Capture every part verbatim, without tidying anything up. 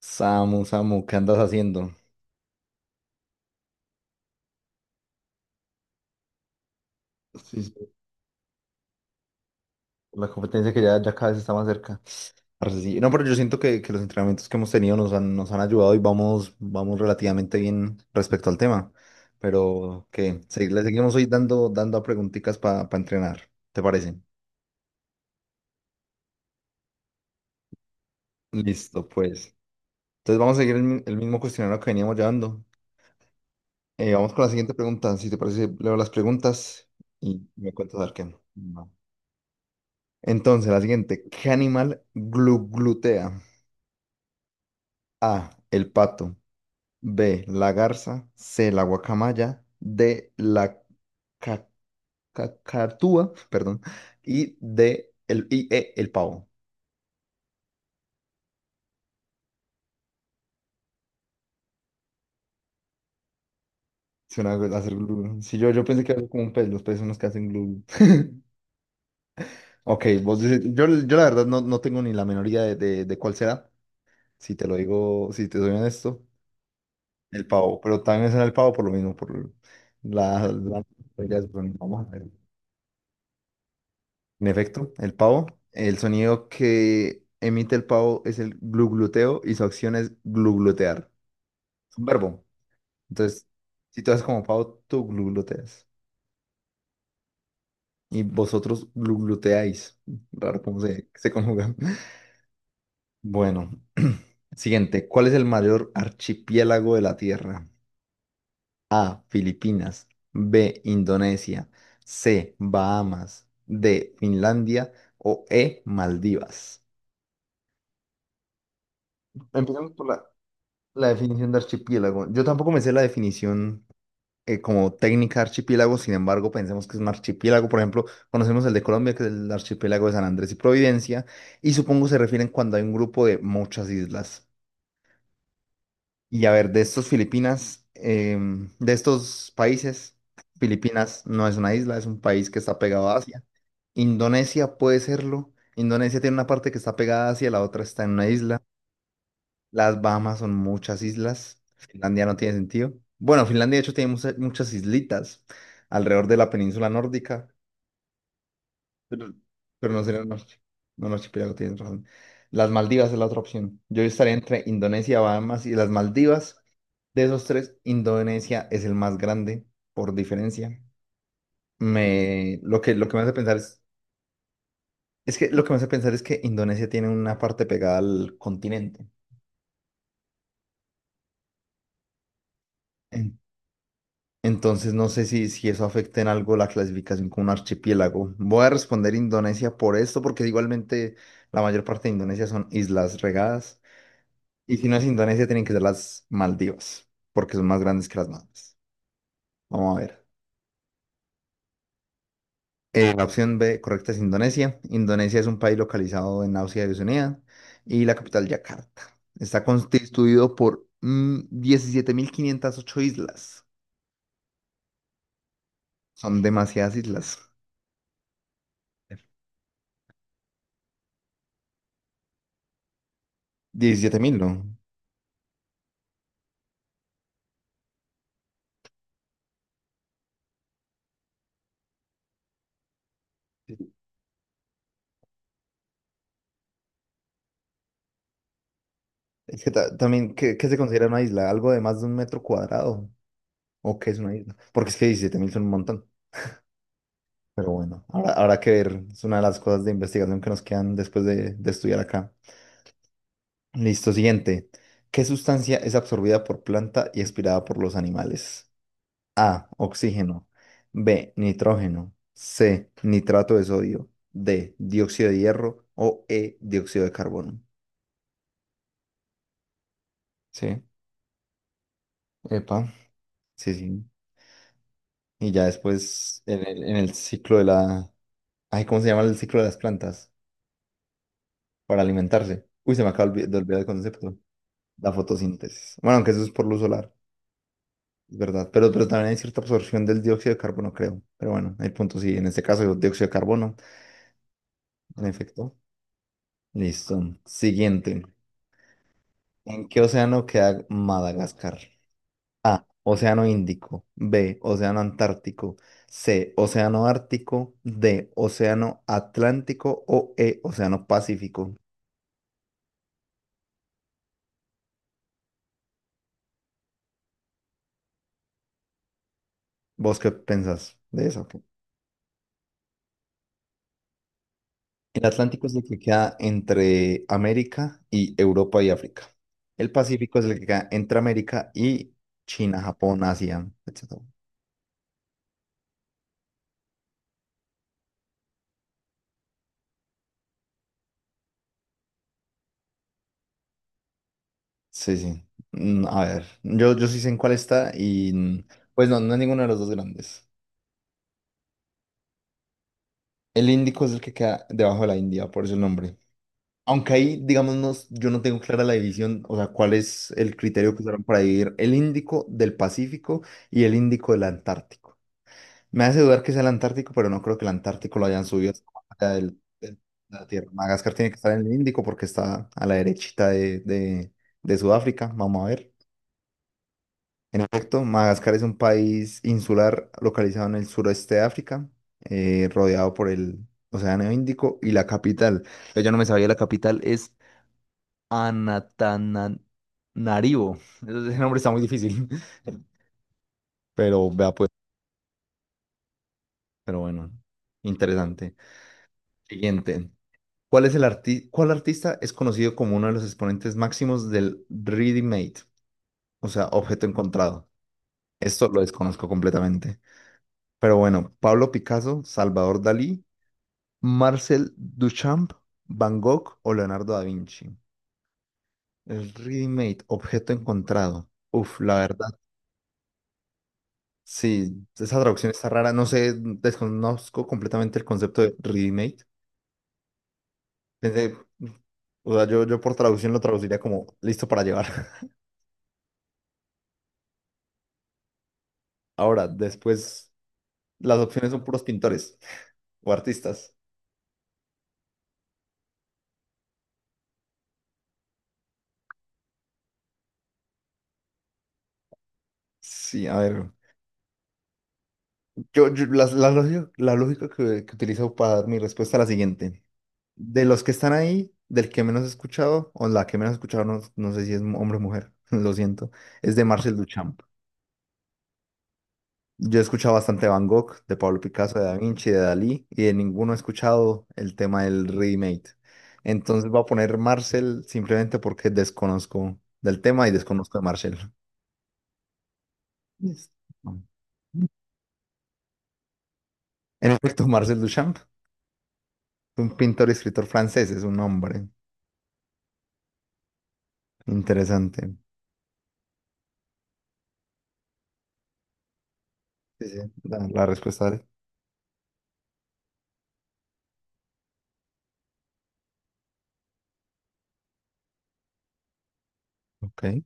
Samu, Samu, ¿qué andas haciendo? Sí, sí, la competencia que ya, ya cada vez está más cerca. Parce, sí. No, pero yo siento que, que los entrenamientos que hemos tenido nos han, nos han ayudado y vamos, vamos relativamente bien respecto al tema. Pero que se- le seguimos hoy dando, dando a preguntitas para entrenar, ¿te parece? Listo, pues. Entonces vamos a seguir el, mi- el mismo cuestionario que veníamos llevando. Eh, vamos con la siguiente pregunta. Si te parece, leo las preguntas y me cuentas a ver qué. Va. Entonces, la siguiente. ¿Qué animal glu- glutea? A, el pato. B, la garza. C, la guacamaya. D, la ca- cacatúa, perdón. Y D, el, y E, el pavo. Suena a hacer glu, glu. Sí, yo, yo pensé que era como un pez, los peces son los que hacen glu, glu. Ok, vos dices, yo, yo la verdad no, no tengo ni la menor idea de de, de cuál será. Si te lo digo, si te soy honesto, el pavo. Pero también es el pavo por lo mismo, por la, la... Ya, es- bueno, vamos a ver. En efecto, el pavo, el sonido que emite el pavo es el glugluteo y su acción es gluglutear. Es un verbo. Entonces, si tú haces como pavo, tú glugluteas y vosotros glugluteáis. Raro cómo se, se conjuga. Bueno, siguiente. ¿Cuál es el mayor archipiélago de la Tierra? A, Filipinas. B, Indonesia. C, Bahamas. D, Finlandia. O E, Maldivas. Empecemos por la La definición de archipiélago. Yo tampoco me sé la definición, eh, como técnica de archipiélago. Sin embargo, pensemos que es un archipiélago. Por ejemplo, conocemos el de Colombia, que es el archipiélago de San Andrés y Providencia, y supongo se refieren cuando hay un grupo de muchas islas. Y a ver, de estos Filipinas, em, de estos países, Filipinas no es una isla, es un país que está pegado a Asia. Indonesia puede serlo. Indonesia tiene una parte que está pegada a Asia, la otra está en una isla. Las Bahamas son muchas islas. Finlandia no tiene sentido. Bueno, Finlandia de hecho tiene mucha- muchas islitas alrededor de la península nórdica, pero, pero no sería un archi- no, un archipiélago, tienes razón. Las Maldivas es la otra opción. Yo estaría entre Indonesia, Bahamas y las Maldivas. De esos tres, Indonesia es el más grande por diferencia. Me, lo que, lo que me hace pensar es, es que lo que me hace pensar es que Indonesia tiene una parte pegada al continente. Entonces no sé si, si eso afecta en algo la clasificación como un archipiélago. Voy a responder Indonesia por esto, porque igualmente la mayor parte de Indonesia son islas regadas. Y si no es Indonesia, tienen que ser las Maldivas, porque son más grandes que las Malvinas. Vamos a ver. Eh, la opción B correcta es Indonesia. Indonesia es un país localizado en Asia y Oceanía y la capital Yakarta. Está constituido por mm, diecisiete mil quinientas ocho islas. Son demasiadas islas. Diecisiete mil, ¿no? Es que ta- también, ¿qué, qué se considera una isla? ¿Algo de más de un metro cuadrado? ¿O qué es una isla? Porque es que diecisiete mil son un montón. Pero bueno, ahora, habrá que ver. Es una de las cosas de investigación que nos quedan después de, de estudiar acá. Listo, siguiente. ¿Qué sustancia es absorbida por planta y expirada por los animales? A, oxígeno. B, nitrógeno. C, nitrato de sodio. D, dióxido de hierro. O E, dióxido de carbono. Sí, epa. Sí, sí. Y ya después en el, en el ciclo de la... Ay, ¿cómo se llama el ciclo de las plantas? Para alimentarse. Uy, se me acaba olvi- de olvidar el concepto. La fotosíntesis. Bueno, aunque eso es por luz solar, es verdad. Pero, pero también hay cierta absorción del dióxido de carbono, creo. Pero bueno, el punto sí. En este caso, el dióxido de carbono. En efecto. Listo. Siguiente. ¿En qué océano queda Madagascar? A, Océano Índico. B, Océano Antártico. C, Océano Ártico. D, Océano Atlántico. O E, Océano Pacífico. ¿Vos qué pensás de eso? El Atlántico es el que queda entre América y Europa y África. El Pacífico es el que queda entre América y China, Japón, Asia, etcétera. Sí, sí. Mm, A ver, yo, yo sí sé en cuál está, y mm, pues no, no es ninguno de los dos grandes. El Índico es el que queda debajo de la India, por eso el nombre. Aunque ahí, digamos, no s- yo no tengo clara la división, o sea, cuál es el criterio que usaron para dividir el Índico del Pacífico y el Índico del Antártico. Me hace dudar que sea el Antártico, pero no creo que el Antártico lo hayan subido hasta más allá del- del- de la Tierra. Madagascar tiene que estar en el Índico porque está a la derechita de, de- de Sudáfrica. Vamos a ver. En efecto, Madagascar es un país insular localizado en el suroeste de África, eh, rodeado por el Océano Índico, y la capital. Yo ya no me sabía, la capital es Anatananarivo. Ese nombre está muy difícil. Pero vea pues, pero bueno, interesante. Siguiente. ¿Cuál es el arti- cuál artista es conocido como uno de los exponentes máximos del ready-made? O sea, objeto encontrado. Esto lo desconozco completamente. Pero bueno, Pablo Picasso, Salvador Dalí, Marcel Duchamp, Van Gogh o Leonardo da Vinci. El ready-made, objeto encontrado. Uf, la verdad. Sí, esa traducción está rara. No sé, desconozco completamente el concepto de remake. Pensé, o sea, yo, yo por traducción lo traduciría como listo para llevar. Ahora, después, las opciones son puros pintores o artistas. Sí, a ver. Yo, yo- las- la, lógica, la lógica que, que utilizo para dar mi respuesta es la siguiente. De los que están ahí, del que menos he escuchado, o la que menos he escuchado, no, no sé si es hombre o mujer, lo siento, es de Marcel Duchamp. Yo he escuchado bastante Van Gogh, de Pablo Picasso, de Da Vinci, de Dalí, y de ninguno he escuchado el tema del remake. Entonces voy a poner Marcel simplemente porque desconozco del tema y desconozco de Marcel. Listo. En efecto, Marcel Duchamp, un pintor y escritor francés, es un hombre. Interesante. Sí, sí, la, la respuesta de... Ok. O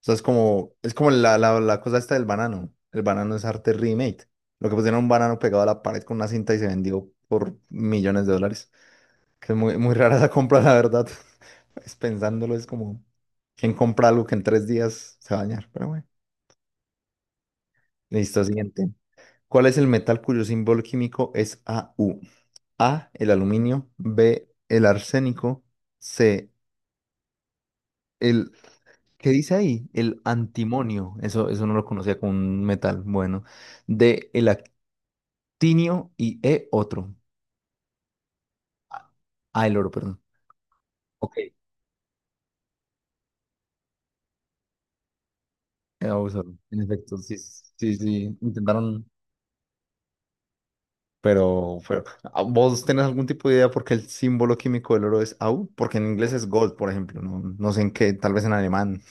sea, es como, es como, la, la, la cosa esta del banano. El banano es arte remake. Lo que pusieron un banano pegado a la pared con una cinta y se vendió por millones de dólares. Que es muy, muy rara esa compra, la verdad. Es pensándolo, es como, ¿quién compra algo que en tres días se va a dañar? Pero bueno. Listo, siguiente. ¿Cuál es el metal cuyo símbolo químico es A U? A, el aluminio. B, el arsénico. C, el... ¿Qué dice ahí? El antimonio. Eso, eso no lo conocía como un metal. Bueno. D, el actinio y E, otro. Ah, el oro, perdón. Ok. Eh, vamos a ver. En efecto, sí, sí, sí. Intentaron Pero, pero, ¿a- ¿Vos tenés algún tipo de idea por qué el símbolo químico del oro es Au? Porque en inglés es gold, por ejemplo. No, no sé en qué, tal vez en alemán.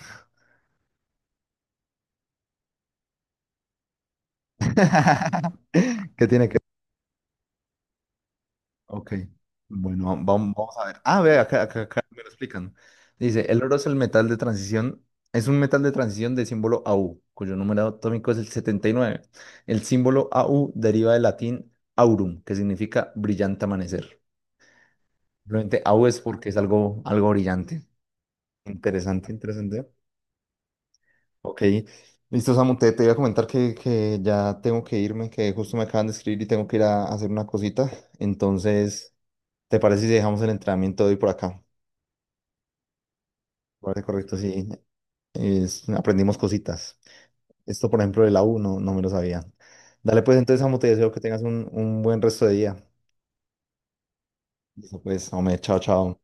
¿Qué tiene que ver? Ok. Bueno, vam- vam- vamos a ver. Ah, ve, acá, acá, acá me lo explican. Dice, el oro es el metal de transición, es un metal de transición de símbolo Au, cuyo número atómico es el setenta y nueve. El símbolo Au deriva del latín aurum, que significa brillante amanecer. Simplemente Au es porque es algo, algo, brillante. Interesante, interesante. Ok, listo, Samu, te, te iba a comentar que, que ya tengo que irme, que justo me acaban de escribir y tengo que ir a hacer una cosita. Entonces, ¿te parece si dejamos el entrenamiento de hoy por acá? Parece correcto, sí. Es- aprendimos cositas. Esto, por ejemplo, de la U no, no me lo sabía. Dale, pues entonces, Samu, te deseo que tengas un, un buen resto de día. Listo, pues, hombre, chao, chao.